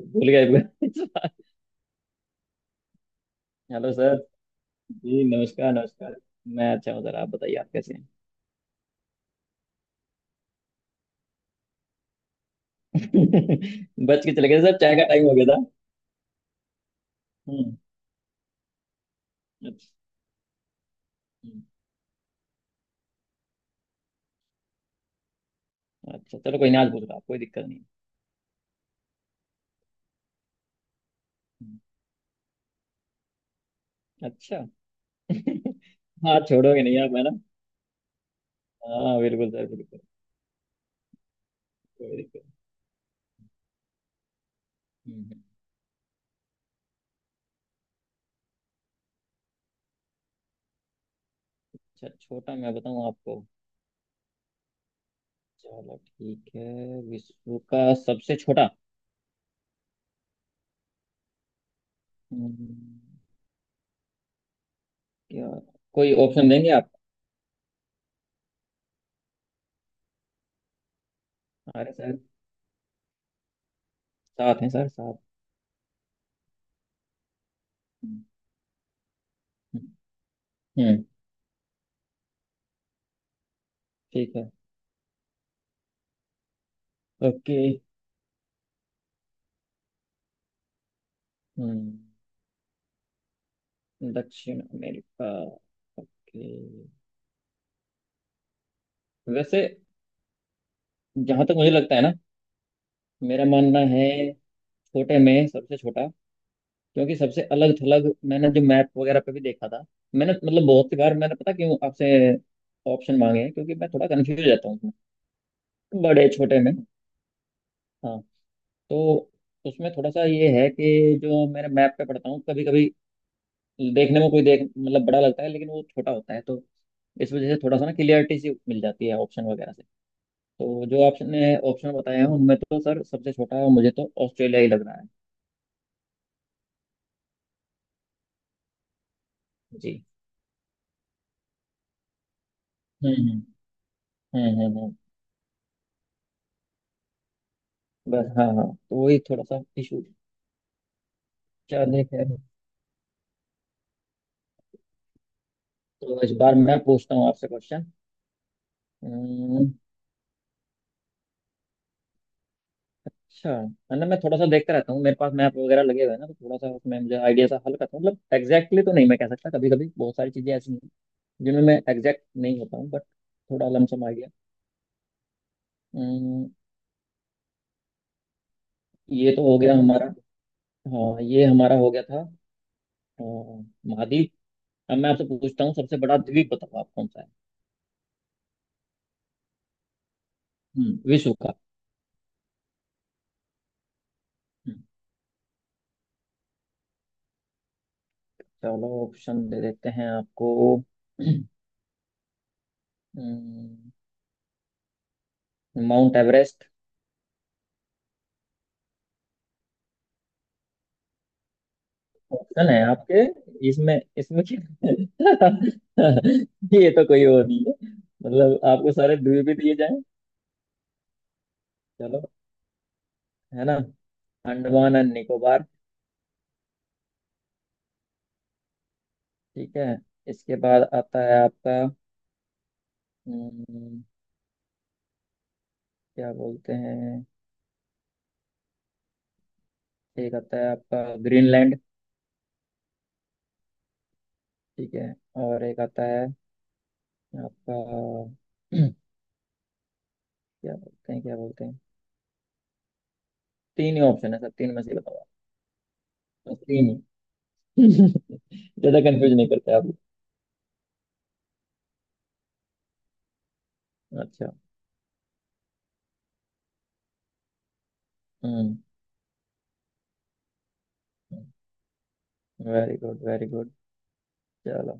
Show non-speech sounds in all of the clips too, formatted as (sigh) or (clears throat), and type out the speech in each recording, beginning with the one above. भूल गए भूल गए। Hello sir. जी, नमस्कार नमस्कार। मैं अच्छा हूँ सर, आप बताइए आप कैसे हैं। (laughs) बच के चले गए सर, चाय का टाइम हो गया था। हम्म अच्छा। हम्म, अच्छा, चलो कोई ना, आज पूछ रहा, कोई दिक्कत नहीं। हम्म, अच्छा। (laughs) हाँ, छोड़ोगे नहीं आप, है ना। हाँ बिल्कुल सर, बिल्कुल। कोई दिक्कत नहीं। हम्म, हम्म। अच्छा, छोटा मैं बताऊँ आपको। चलो ठीक है, विश्व का सबसे छोटा। हम्म, क्या, कोई ऑप्शन देंगे आप। अरे सर, सात हैं सर, सात। हम्म हम्म, ठीक है। ओके। हम्म। दक्षिण अमेरिका। ओके। वैसे, जहां तक मुझे लगता है ना, मेरा मानना है छोटे में सबसे छोटा, क्योंकि सबसे अलग थलग मैंने जो मैप वगैरह पे भी देखा था। मैंने मतलब बहुत सी बार मैंने, पता क्यों आपसे ऑप्शन मांगे हैं, क्योंकि मैं थोड़ा कंफ्यूज रहता हूँ उसमें, बड़े छोटे में। हाँ, तो उसमें थोड़ा सा ये है कि जो मैंने मैप पे पढ़ता हूँ कभी कभी, देखने में कोई देख मतलब बड़ा लगता है लेकिन वो छोटा होता है, तो इस वजह से थोड़ा सा ना क्लियरिटी सी मिल जाती है ऑप्शन वगैरह से। तो जो आपने ऑप्शन बताया है उनमें तो सर सबसे छोटा मुझे तो ऑस्ट्रेलिया ही लग रहा है। जी। हम्म हम्म हम्म हम्म, हम्म। बस हाँ हाँ, तो वही थोड़ा सा इशू। चलिए खैर, तो इस बार मैं पूछता हूँ आपसे क्वेश्चन। हम्म, अच्छा मतलब मैं थोड़ा सा देखता रहता हूँ, मेरे पास मैप वगैरह लगे हुए हैं ना, तो थोड़ा सा उसमें मुझे आइडिया सा हल्का सा, मतलब एग्जैक्टली तो नहीं मैं कह सकता, कभी कभी बहुत सारी चीजें ऐसी हैं जिनमें मैं एग्जैक्ट नहीं होता हूँ, बट थोड़ा लमसम आइडिया। ये तो हो गया हमारा, हाँ, ये हमारा हो गया था, अ, महाद्वीप। अब मैं आपसे पूछता हूँ, सबसे बड़ा द्वीप बताओ आप कौन सा है। हम्म, विश्व का। हम्म। चलो ऑप्शन दे देते हैं आपको। हम्म, माउंट एवरेस्ट। ऑप्शन है आपके। इसमें इसमें क्या, (laughs) ये तो कोई और नहीं है, मतलब आपको सारे द्वीप ही दिए जाएं। चलो, है ना, अंडमान एंड निकोबार। ठीक है, इसके बाद आता है आपका, हम्म, क्या बोलते हैं, एक आता है आपका, ग्रीनलैंड। ठीक है, और एक आता है आपका, (clears throat) क्या बोलते हैं, क्या बोलते हैं। तीन ही ऑप्शन है सर, तीन में से ही बताओ आप। बस तीन ही। (laughs) ज्यादा कंफ्यूज नहीं करते आप। अच्छा। हम्म, वेरी गुड वेरी गुड। चलो,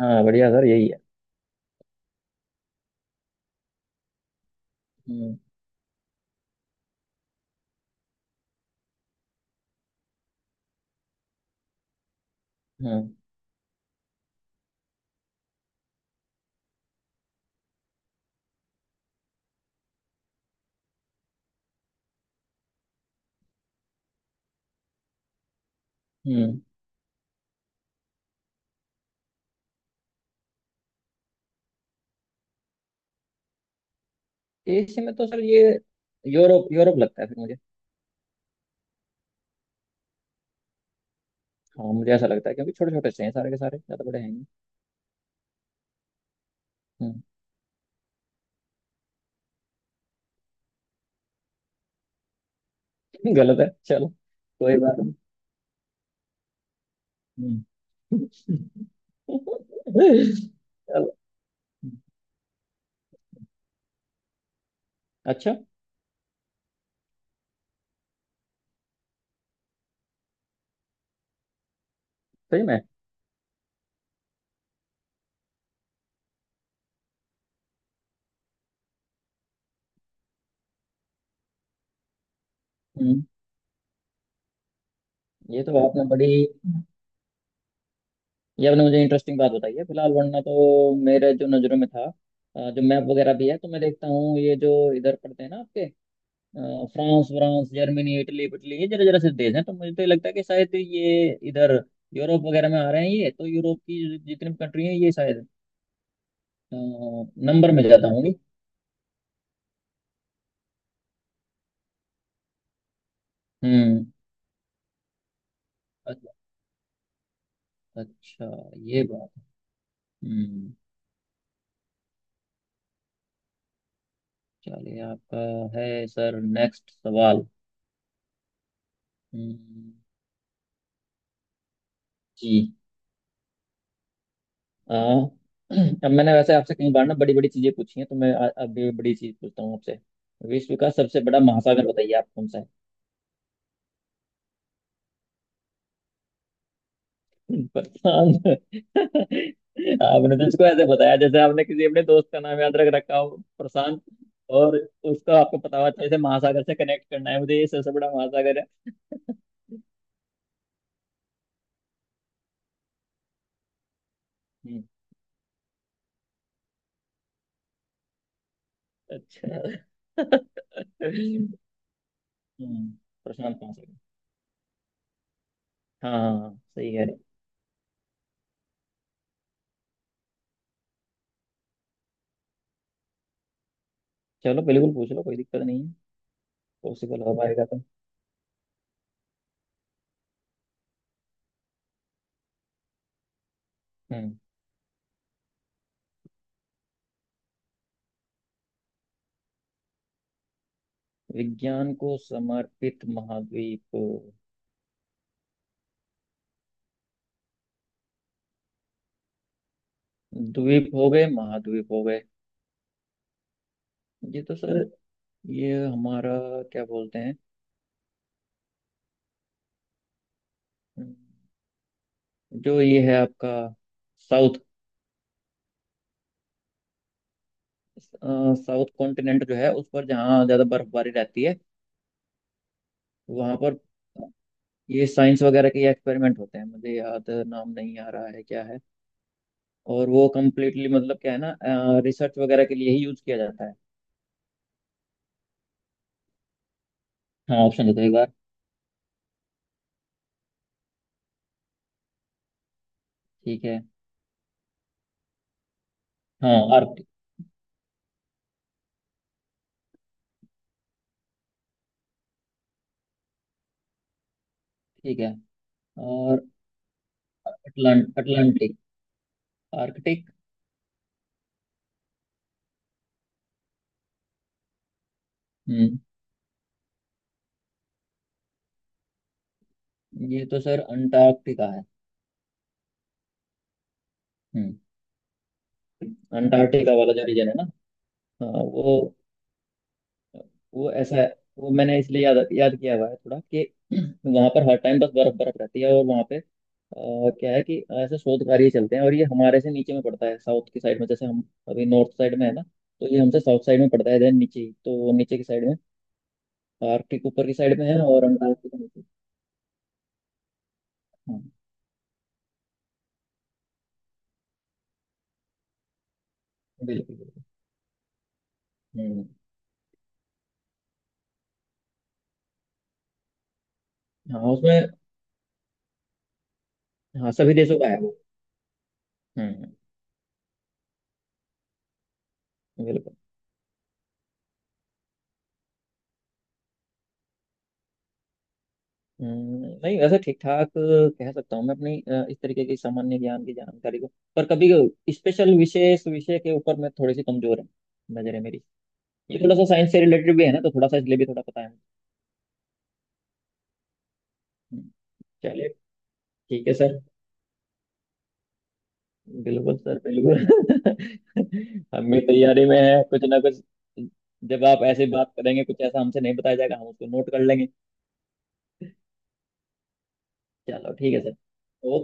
हाँ, बढ़िया सर, यही है। हम्म। हम्म। हम्म। एशिया में तो सर, ये, यूरोप यूरोप लगता है फिर मुझे। हाँ, मुझे ऐसा लगता है क्योंकि छोटे छोटे से हैं सारे के सारे, ज्यादा बड़े हैं नहीं। (laughs) गलत है, चलो, कोई बात नहीं। हम्म। (laughs) चलो। अच्छा, सही में। हम्म। ये तो आपने बड़ी, ये आपने मुझे इंटरेस्टिंग बात बताई है फिलहाल, वरना तो मेरे जो नज़रों में था, जो मैप वगैरह भी है तो मैं देखता हूँ, ये जो इधर पड़ते हैं ना आपके, फ्रांस व्रांस जर्मनी इटली इटली, ये जरा जरा से देश हैं, तो मुझे तो ये लगता है कि शायद ये इधर यूरोप वगैरह में आ रहे हैं, ये तो यूरोप की जितनी भी कंट्री हैं ये शायद नंबर में ज़्यादा होंगी। हम्म। अच्छा। अच्छा, ये बात। हम्म। चलिए आपका है सर नेक्स्ट सवाल। हम्म, जी, हाँ। अब मैंने वैसे आपसे कई बार ना बड़ी बड़ी चीजें पूछी हैं, तो मैं अब भी बड़ी चीज पूछता हूँ आपसे, विश्व का सबसे बड़ा महासागर बताइए आप कौन सा है। (laughs) प्रशांत। आपने तो इसको ऐसे बताया जैसे आपने किसी अपने दोस्त का नाम याद रख रखा हो, प्रशांत, और उसको आपको पता हुआ जैसे महासागर से कनेक्ट करना है मुझे, ये सबसे बड़ा महासागर है। हम्म, अच्छा। (laughs) हम्म, प्रशांत महासागर। हाँ हाँ हाँ, सही है। चलो बिल्कुल पूछ लो, कोई दिक्कत नहीं है, पॉसिबल हो पाएगा तो। हम्म। विज्ञान को समर्पित महाद्वीप, द्वीप हो गए, महाद्वीप हो गए। ये तो सर, ये हमारा, क्या बोलते हैं, हम्म, जो ये है आपका, साउथ, साउथ कॉन्टिनेंट जो है उस पर, जहाँ ज्यादा बर्फबारी रहती है वहां पर, ये साइंस वगैरह के एक्सपेरिमेंट होते हैं, मुझे याद नाम नहीं आ रहा है क्या है, और वो कम्प्लीटली मतलब क्या है ना, रिसर्च वगैरह के लिए ही यूज किया जाता है। हाँ, ऑप्शन देते एक बार। ठीक है। हाँ, आर्कटिक। ठीक है और अटलांटिक, आर्कटिक। हम्म। ये तो सर अंटार्कटिका है। हम्म। अंटार्कटिका वाला जो रीजन है ना, हाँ, वो ऐसा है, वो मैंने इसलिए याद याद किया हुआ है थोड़ा, कि वहाँ पर हर टाइम बस बर्फ बर्फ रहती है, और वहाँ पे क्या है कि ऐसे शोध कार्य चलते हैं, और ये हमारे से नीचे में पड़ता है साउथ की साइड में, जैसे हम अभी नॉर्थ साइड में है ना, तो ये हमसे साउथ साइड में पड़ता है, देन नीचे ही। तो वो नीचे की साइड में, आर्कटिक ऊपर की साइड में है और अंटार्कटिक नीचे। हाँ, बिल्कुल बिल्कुल। हम्म। हाँ, उसमें। हाँ, सभी देशों का है वो। हम्म। बिल्कुल। नहीं, वैसे ठीक ठाक कह सकता हूँ मैं अपनी इस तरीके की सामान्य ज्ञान की जानकारी को, पर कभी स्पेशल विशेष विषय के ऊपर मैं थोड़ी सी कमजोर है, नजर है मेरी। ये थोड़ा सा साइंस से रिलेटेड भी है ना, तो थोड़ा सा इसलिए भी थोड़ा पता है मुझे। हम्म, चलिए ठीक है सर। बिल्कुल सर, बिल्कुल। (laughs) हम भी तैयारी में है कुछ ना कुछ, जब आप ऐसे बात करेंगे, कुछ ऐसा हमसे नहीं बताया जाएगा, हम उसको नोट कर लेंगे। चलो ठीक है सर, ओके।